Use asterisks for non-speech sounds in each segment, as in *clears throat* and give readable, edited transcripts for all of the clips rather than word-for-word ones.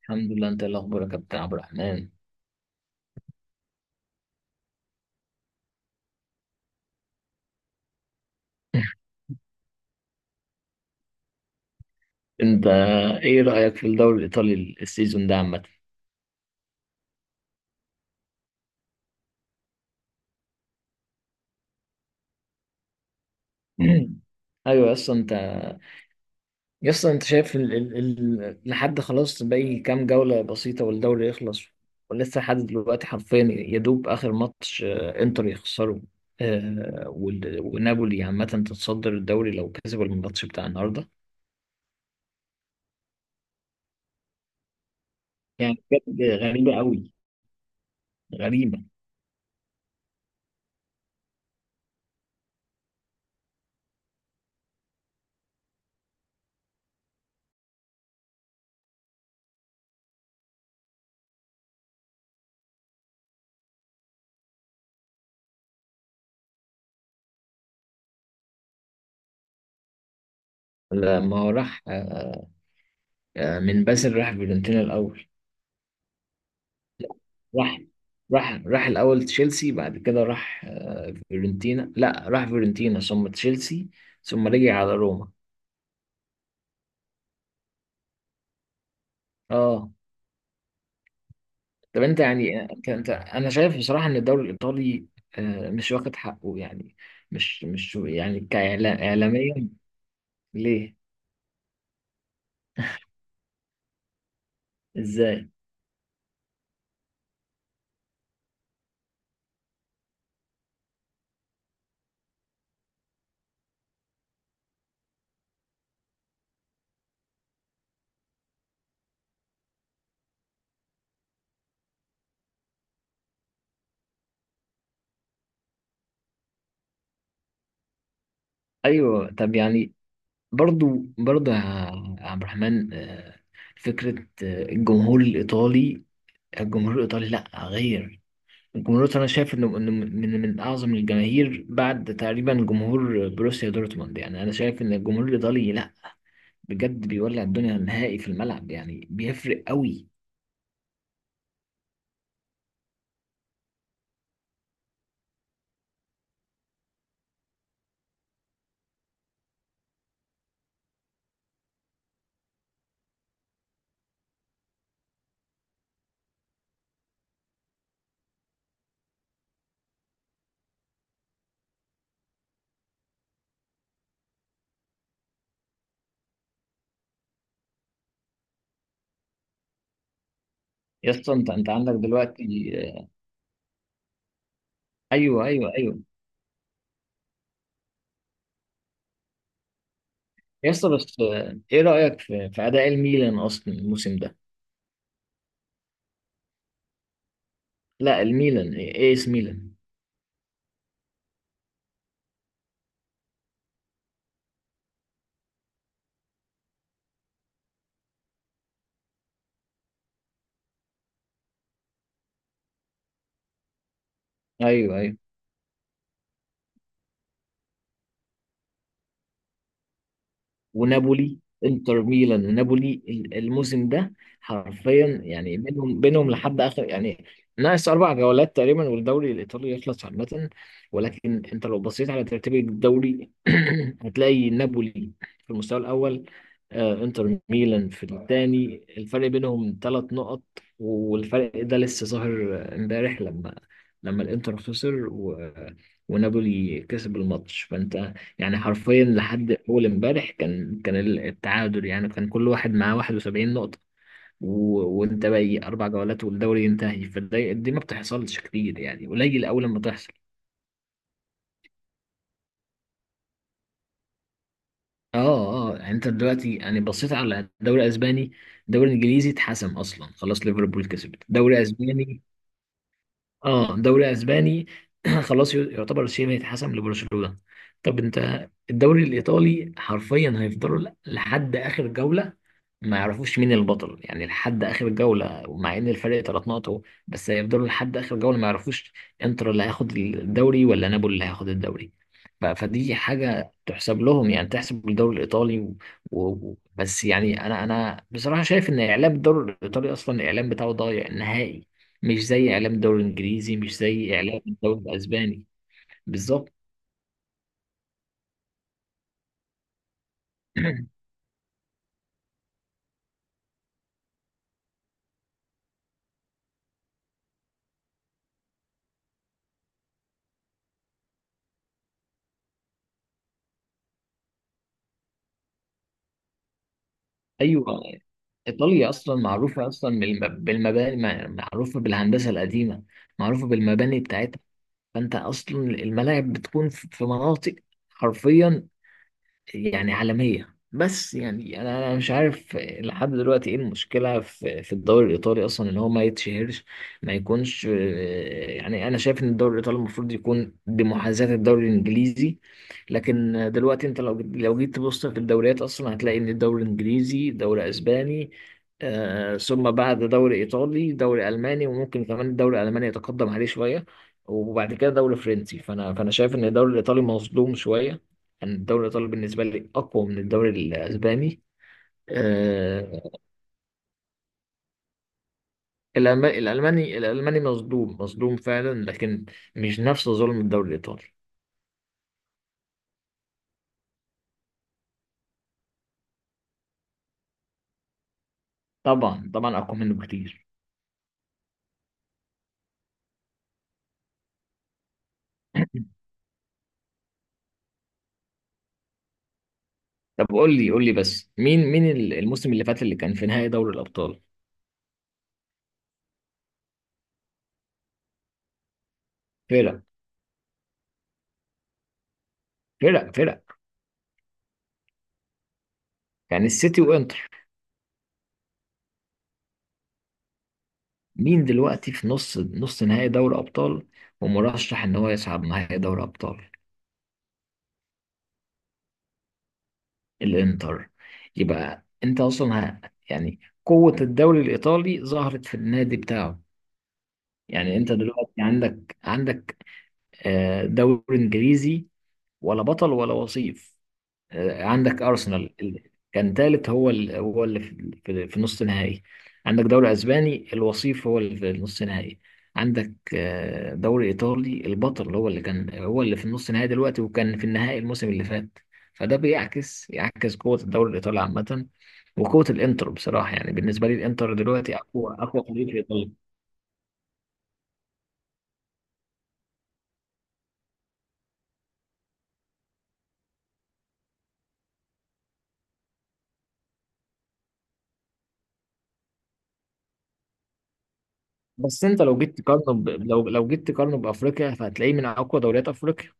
الحمد لله. انت ايه الاخبار يا كابتن عبد الرحمن؟ *laughs* انت ايه رايك في الدوري الايطالي السيزون ده عامه؟ *clears throat* ايوه يس انت. يس، انت شايف لحد خلاص باقي كام جوله بسيطه والدوري يخلص. ولسه لحد دلوقتي حرفيا يدوب اخر ماتش، انتر يخسره، آه، وال... ونابولي عامه تتصدر الدوري لو كسب الماتش بتاع النهارده. يعني بجد غريبه قوي، غريبه. لما هو راح، من بازل راح فيورنتينا الاول. راح راح الأول تشيلسي، بعد كده راح فيورنتينا. لا، راح فيورنتينا ثم تشيلسي ثم رجع على روما. اه، طب انت يعني، انت انا شايف بصراحة ان الدوري الإيطالي مش واخد حقه يعني. مش يعني كإعلام، إعلاميا. ليه؟ ازاي؟ ايوه، طب يعني، برضو برضو يا عبد الرحمن، فكرة، الجمهور الإيطالي، الجمهور الإيطالي لا غير. الجمهور انا شايف انه انه من اعظم الجماهير بعد تقريبا جمهور بروسيا دورتموند. يعني انا شايف ان الجمهور الايطالي لا، بجد بيولع الدنيا نهائي في الملعب، يعني بيفرق قوي. يا اسطى، انت عندك دلوقتي. ايوه ايوه ايوه. يا اسطى، بس ايه رايك في اداء الميلان اصلا الموسم ده؟ لا، الميلان، ايه إيه اس ميلان. ايوه ايوه. ونابولي. انتر ميلان ونابولي الموسم ده حرفيا يعني بينهم لحد اخر يعني. ناقص اربع جولات تقريبا والدوري الايطالي يخلص عامه. ولكن انت لو بصيت على ترتيب الدوري *clears throat* هتلاقي نابولي في المستوى الاول، انتر ميلان في الثاني، الفرق بينهم ثلاث نقط. والفرق ده لسه ظاهر، امبارح لما، لما الانتر خسر و... آه، ونابولي كسب الماتش. فانت يعني حرفيا لحد اول امبارح كان التعادل، يعني كان كل واحد معاه 71 نقطة و... وانت باقي اربع جولات والدوري ينتهي. فدي، دي ما بتحصلش كتير، يعني قليل اول ما تحصل. اه اه، يعني انت دلوقتي يعني بصيت على الدوري الاسباني، الدوري الانجليزي اتحسم اصلا خلاص، ليفربول كسبت دوري اسباني. اه، دوري اسباني *clears throat* خلاص، يعتبر شبه اتحسم لبرشلونة. طب انت الدوري الايطالي حرفيا هيفضلوا لحد اخر جولة ما يعرفوش مين البطل. يعني لحد اخر جولة مع ان الفرق ثلاث نقط أهو، بس هيفضلوا لحد اخر جولة ما يعرفوش انتر اللي هياخد الدوري ولا نابولي اللي هياخد الدوري. فدي حاجة تحسب لهم، يعني تحسب الدوري الإيطالي. بس يعني أنا بصراحة شايف إن إعلام الدوري الإيطالي أصلا الإعلام بتاعه ضايع نهائي، مش زي اعلام الدوري الانجليزي، مش زي اعلام الدوري الاسباني. بالظبط. *clears throat* ايوه، ايطاليا اصلا معروفه اصلا بالمباني، معروفه بالهندسه القديمه، معروفه بالمباني بتاعتها. فانت اصلا الملاعب بتكون في مناطق حرفيا يعني عالمية. بس يعني أنا مش عارف لحد دلوقتي إيه المشكلة في الدوري الإيطالي أصلا إن هو ما يتشهرش، ما يكونش يعني. أنا شايف إن الدوري الإيطالي المفروض يكون بمحاذاة الدوري الإنجليزي، لكن دلوقتي أنت لو جيت تبص في الدوريات أصلا هتلاقي إن الدوري الإنجليزي، دوري أسباني، ثم بعد دوري إيطالي، دوري ألماني، وممكن كمان الدوري الألماني يتقدم عليه شوية، وبعد كده دوري فرنسي. فأنا شايف إن الدوري الإيطالي مظلوم شوية. يعني الدوري الإيطالي بالنسبة لي أقوى من الدوري الأسباني. آه. الألماني مصدوم، مصدوم فعلا، لكن مش نفس ظلم الدوري الإيطالي. طبعا طبعا، أقوى منه بكتير. *clears throat* *laughs* طب قول لي، قول لي بس، مين الموسم اللي فات اللي كان في نهائي دوري الأبطال؟ فرق فرق فرق. يعني السيتي وإنتر. مين دلوقتي في نص نهائي دوري أبطال ومرشح إن هو يصعد نهائي دوري أبطال؟ الانتر. يبقى انت اصلا، يعني قوة الدوري الايطالي ظهرت في النادي بتاعه. يعني انت دلوقتي عندك دوري انجليزي، ولا بطل ولا وصيف، عندك ارسنال كان ثالث هو هو اللي في نص نهائي. عندك دوري اسباني، الوصيف هو اللي في نص نهائي. عندك دوري ايطالي، البطل هو اللي كان، هو اللي في النص نهائي دلوقتي، وكان في النهائي الموسم اللي فات. فده يعكس قوة الدوري الايطالي عامة، وقوة الانتر بصراحة. يعني بالنسبة لي الانتر دلوقتي اقوى فريق في ايطاليا. بس انت لو جيت تقارنه لو جيت تقارنه بافريقيا فهتلاقيه من اقوى دوريات افريقيا.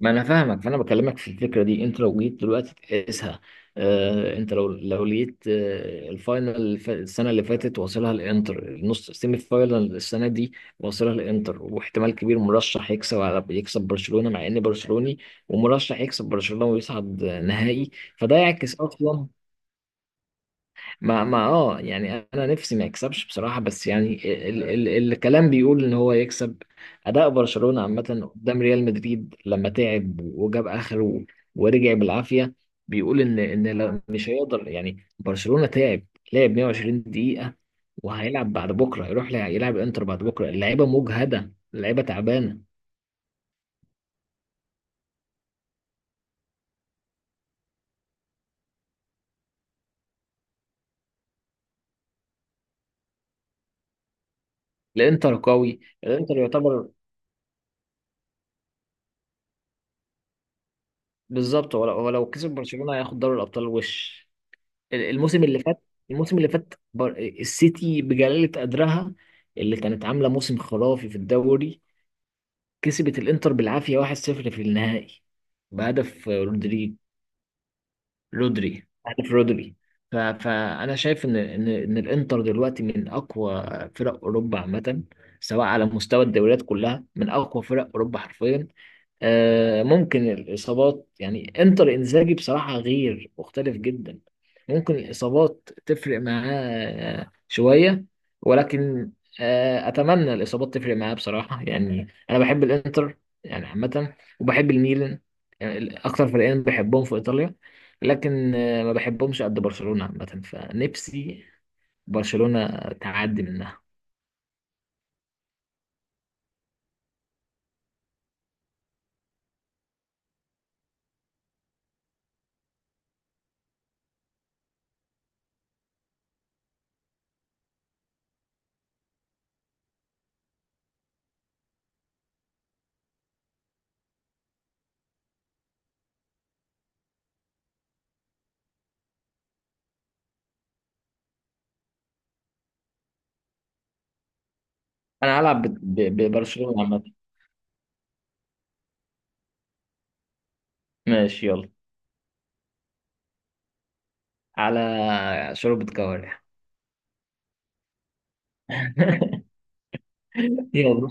ما انا فاهمك، فانا بكلمك في الفكره دي. انت لو جيت دلوقتي تقيسها، آه، انت لو لقيت آه الفاينل السنه اللي فاتت واصلها الانتر، النص سيمي فاينل السنه دي واصلها الانتر، واحتمال كبير مرشح يكسب، يكسب برشلونه، مع اني برشلوني، ومرشح يكسب برشلونه ويصعد نهائي. فده يعكس اصلا. ما ما اه يعني انا نفسي ما يكسبش بصراحه، بس يعني ال ال ال الكلام بيقول ان هو يكسب. اداء برشلونه عامه قدام ريال مدريد لما تعب وجاب اخره ورجع بالعافيه، بيقول ان مش هيقدر يعني. برشلونه تعب، لعب 120 دقيقه، وهيلعب بعد بكره، يروح يلعب انتر بعد بكره، اللعيبه مجهده، اللعيبه تعبانه. الانتر قوي، الانتر يعتبر. بالظبط. هو لو كسب برشلونه هياخد دوري الابطال. وش الموسم اللي فات، الموسم اللي فات، السيتي بجلالة قدرها، اللي كانت عاملة موسم خرافي في الدوري، كسبت الانتر بالعافية 1-0 في النهائي بهدف رودريجو. رودري، عارف رودري. فانا شايف ان الانتر دلوقتي من اقوى فرق اوروبا عامه، سواء على مستوى الدوريات كلها، من اقوى فرق اوروبا حرفيا. ممكن الاصابات، يعني انتر انزاجي بصراحه غير، مختلف جدا، ممكن الاصابات تفرق معاه شويه. ولكن، اتمنى الاصابات تفرق معاه بصراحه. يعني انا بحب الانتر يعني عامه، وبحب الميلان، يعني اكتر فريقين بحبهم في ايطاليا. لكن ما بحبهمش قد برشلونة عامة، فنفسي برشلونة تعدي منها. انا هلعب ب- ب- ببرشلونة عامة. ماشي، يلا. على شوربة كوارع. *laughs* يلا.